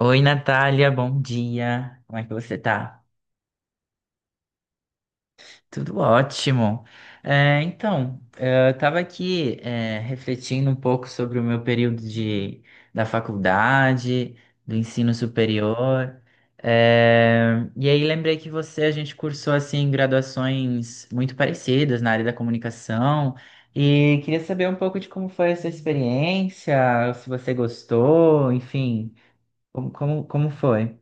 Oi, Natália, bom dia. Como é que você tá? Tudo ótimo. É, então, é, eu estava aqui, é, refletindo um pouco sobre o meu período da faculdade, do ensino superior. É, e aí lembrei que a gente cursou assim graduações muito parecidas na área da comunicação. E queria saber um pouco de como foi essa experiência, se você gostou, enfim, como foi?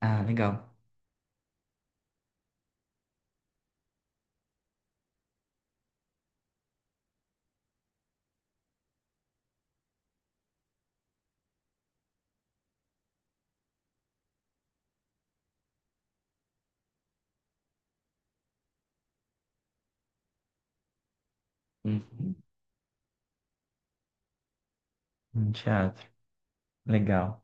Ah, legal. Uhum. No teatro. Legal.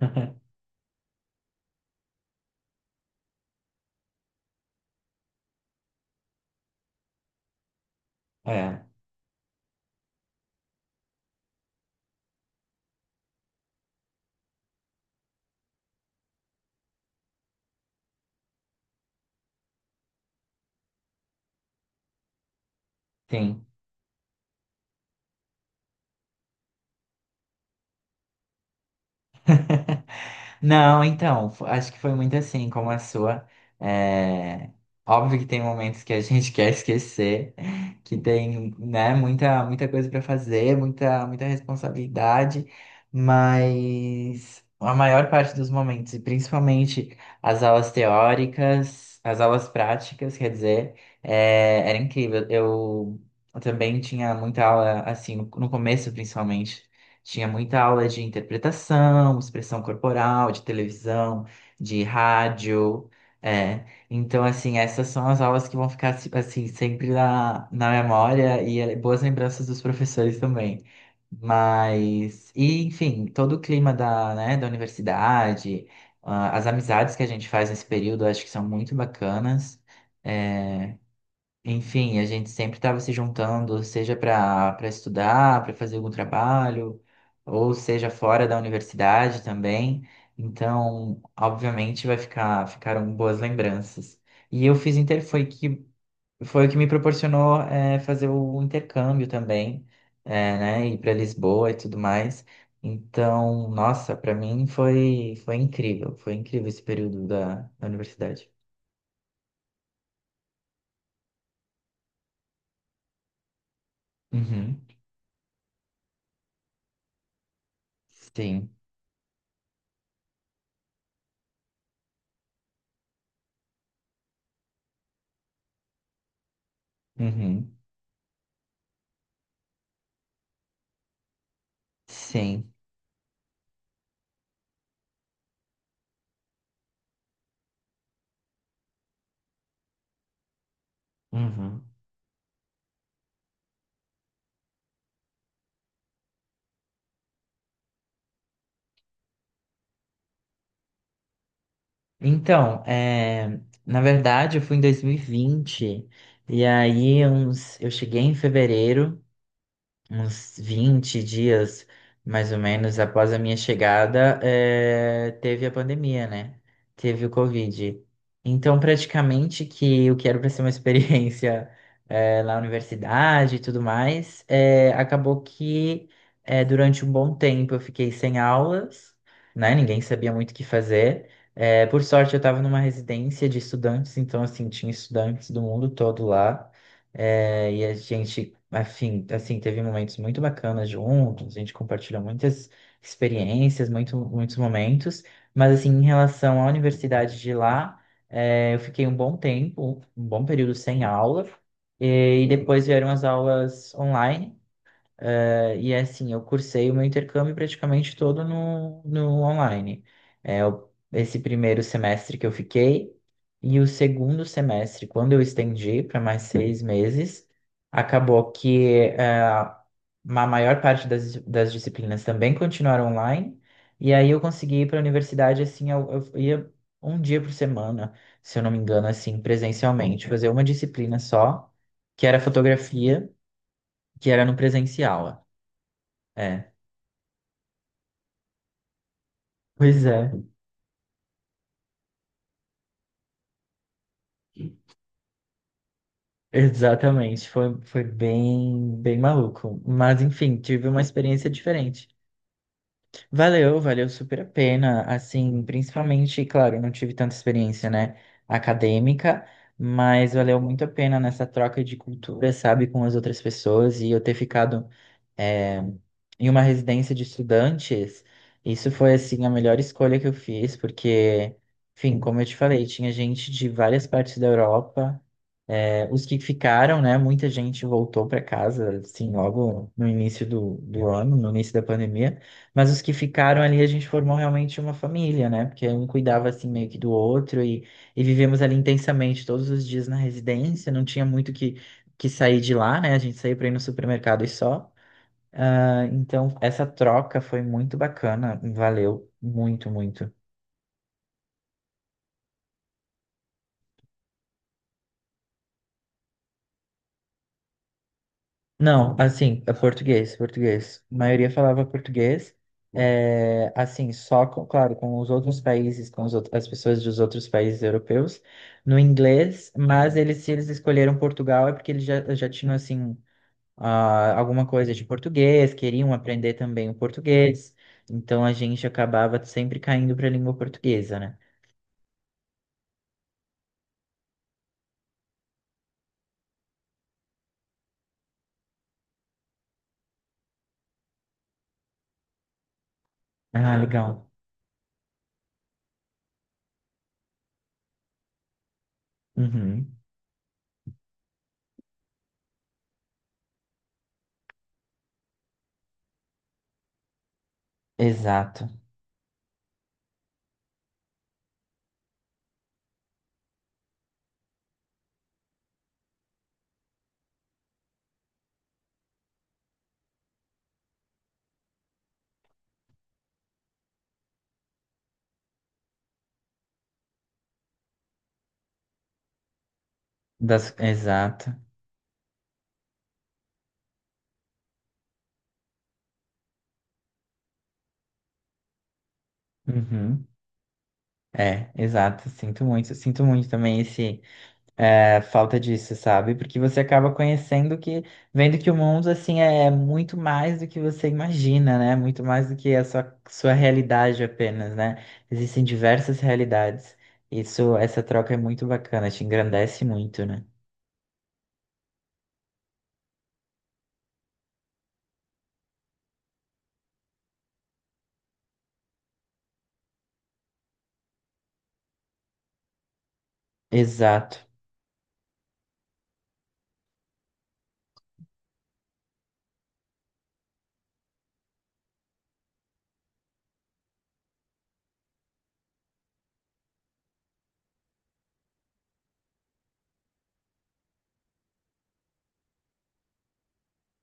É, tem. Não, então, acho que foi muito assim como a sua. É, óbvio que tem momentos que a gente quer esquecer, que tem, né, muita, muita coisa para fazer, muita, muita responsabilidade, mas a maior parte dos momentos, e principalmente as aulas teóricas, as aulas práticas, quer dizer, é, era incrível. Eu também tinha muita aula, assim, no começo, principalmente. Tinha muita aula de interpretação, expressão corporal, de televisão, de rádio. É. Então, assim, essas são as aulas que vão ficar, assim, sempre na memória e boas lembranças dos professores também. Mas, enfim, todo o clima da, né, da universidade, ah, as amizades que a gente faz nesse período, eu acho que são muito bacanas. É. Enfim, a gente sempre estava se juntando, seja para estudar, para fazer algum trabalho, ou seja fora da universidade também. Então, obviamente, vai ficar ficaram boas lembranças. E eu fiz inter foi que foi o que me proporcionou é, fazer o intercâmbio também, é, né, ir para Lisboa e tudo mais. Então, nossa, para mim foi incrível, foi incrível esse período da universidade. Uhum. Sim. Uhum. Sim. Uhum. Então, é, na verdade, eu fui em 2020 e aí uns, eu cheguei em fevereiro, uns 20 dias, mais ou menos, após a minha chegada, teve a pandemia, né? Teve o Covid. Então, praticamente que o que era para ser uma experiência, na universidade e tudo mais, acabou que, durante um bom tempo eu fiquei sem aulas, né? Ninguém sabia muito o que fazer. Por sorte, eu estava numa residência de estudantes, então, assim, tinha estudantes do mundo todo lá. É, e a gente, afim, assim, teve momentos muito bacanas juntos, a gente compartilhou muitas experiências, muitos momentos, mas assim, em relação à universidade de lá, é, eu fiquei um bom tempo, um bom período sem aula, e depois vieram as aulas online, e é assim, eu cursei o meu intercâmbio praticamente todo no online. É, esse primeiro semestre que eu fiquei, e o segundo semestre, quando eu estendi para mais 6 meses, acabou que é, a maior parte das disciplinas também continuaram online, e aí eu consegui ir para a universidade, assim, eu ia um dia por semana, se eu não me engano, assim, presencialmente, fazer uma disciplina só, que era fotografia, que era no presencial. É. Pois é, exatamente. Foi bem, bem maluco. Mas, enfim, tive uma experiência diferente. Valeu, valeu super a pena. Assim, principalmente, claro, eu não tive tanta experiência, né, acadêmica, mas valeu muito a pena nessa troca de cultura, sabe, com as outras pessoas e eu ter ficado eh, em uma residência de estudantes, isso foi assim a melhor escolha que eu fiz, porque, enfim, como eu te falei, tinha gente de várias partes da Europa. Os que ficaram, né? Muita gente voltou para casa, assim, logo no início do ano, no início da pandemia. Mas os que ficaram ali, a gente formou realmente uma família, né? Porque um cuidava, assim, meio que do outro e vivemos ali intensamente todos os dias na residência. Não tinha muito que sair de lá, né? A gente saía para ir no supermercado e só. Ah, então, essa troca foi muito bacana. Valeu muito, muito. Não, assim, é português, português. A maioria falava português. É, assim, só, com, claro, com os outros países, as pessoas dos outros países europeus, no inglês, mas se eles escolheram Portugal é porque eles já tinham, assim, ah, alguma coisa de português, queriam aprender também o português, então a gente acabava sempre caindo para a língua portuguesa, né? Ah, legal. Uhum. Exato. Exato. Uhum. É, exato. Sinto muito também falta disso, sabe? Porque você acaba vendo que o mundo assim é muito mais do que você imagina, né? Muito mais do que a sua realidade apenas, né? Existem diversas realidades. Isso, essa troca é muito bacana, te engrandece muito, né? Exato.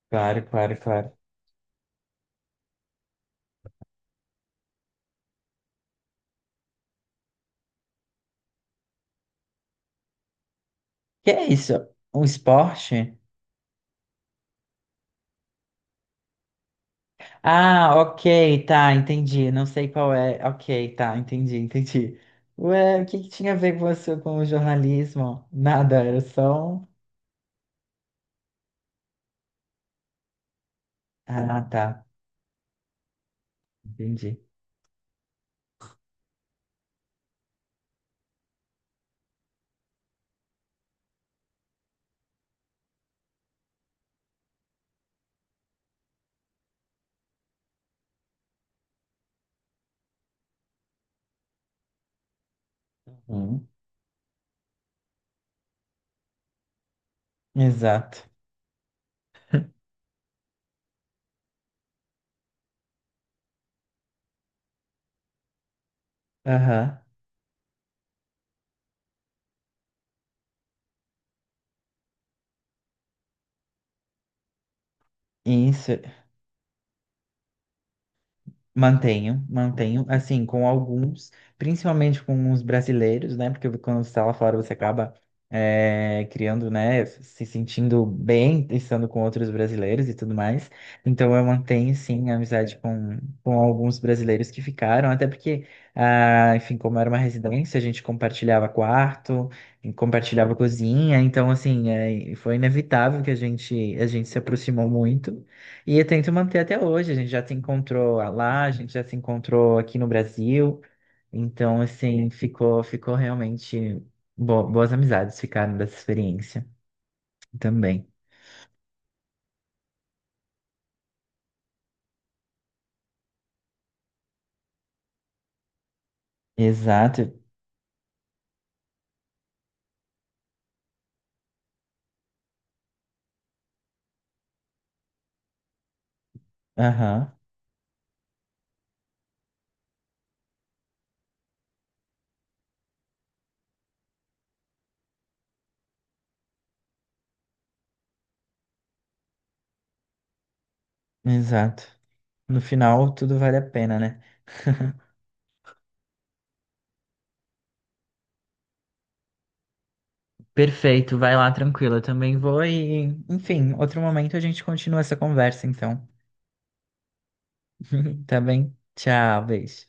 Claro, claro, claro. Que é isso? Um esporte? Ah, ok, tá, entendi. Não sei qual é. Ok, tá, entendi, entendi. Ué, o que que tinha a ver com você com o jornalismo? Nada, era só. Ah, tá, entendi. Uhum. Exato. Aham. Isso. Mantenho, mantenho, assim, com alguns, principalmente com os brasileiros, né? Porque quando você está lá fora, você acaba criando, né? Se sentindo bem, estando com outros brasileiros e tudo mais. Então, eu mantenho, sim, a amizade com alguns brasileiros que ficaram, até porque, ah, enfim, como era uma residência, a gente compartilhava quarto, e compartilhava cozinha, então, assim, foi inevitável que a gente se aproximou muito. E eu tento manter até hoje. A gente já se encontrou lá, a gente já se encontrou aqui no Brasil. Então, assim, ficou realmente boas amizades ficaram dessa experiência também. Exato. Aham, exato. No final, tudo vale a pena, né? Perfeito, vai lá tranquila. Eu também vou e, enfim, outro momento a gente continua essa conversa, então. Tá bem? Tchau, beijo.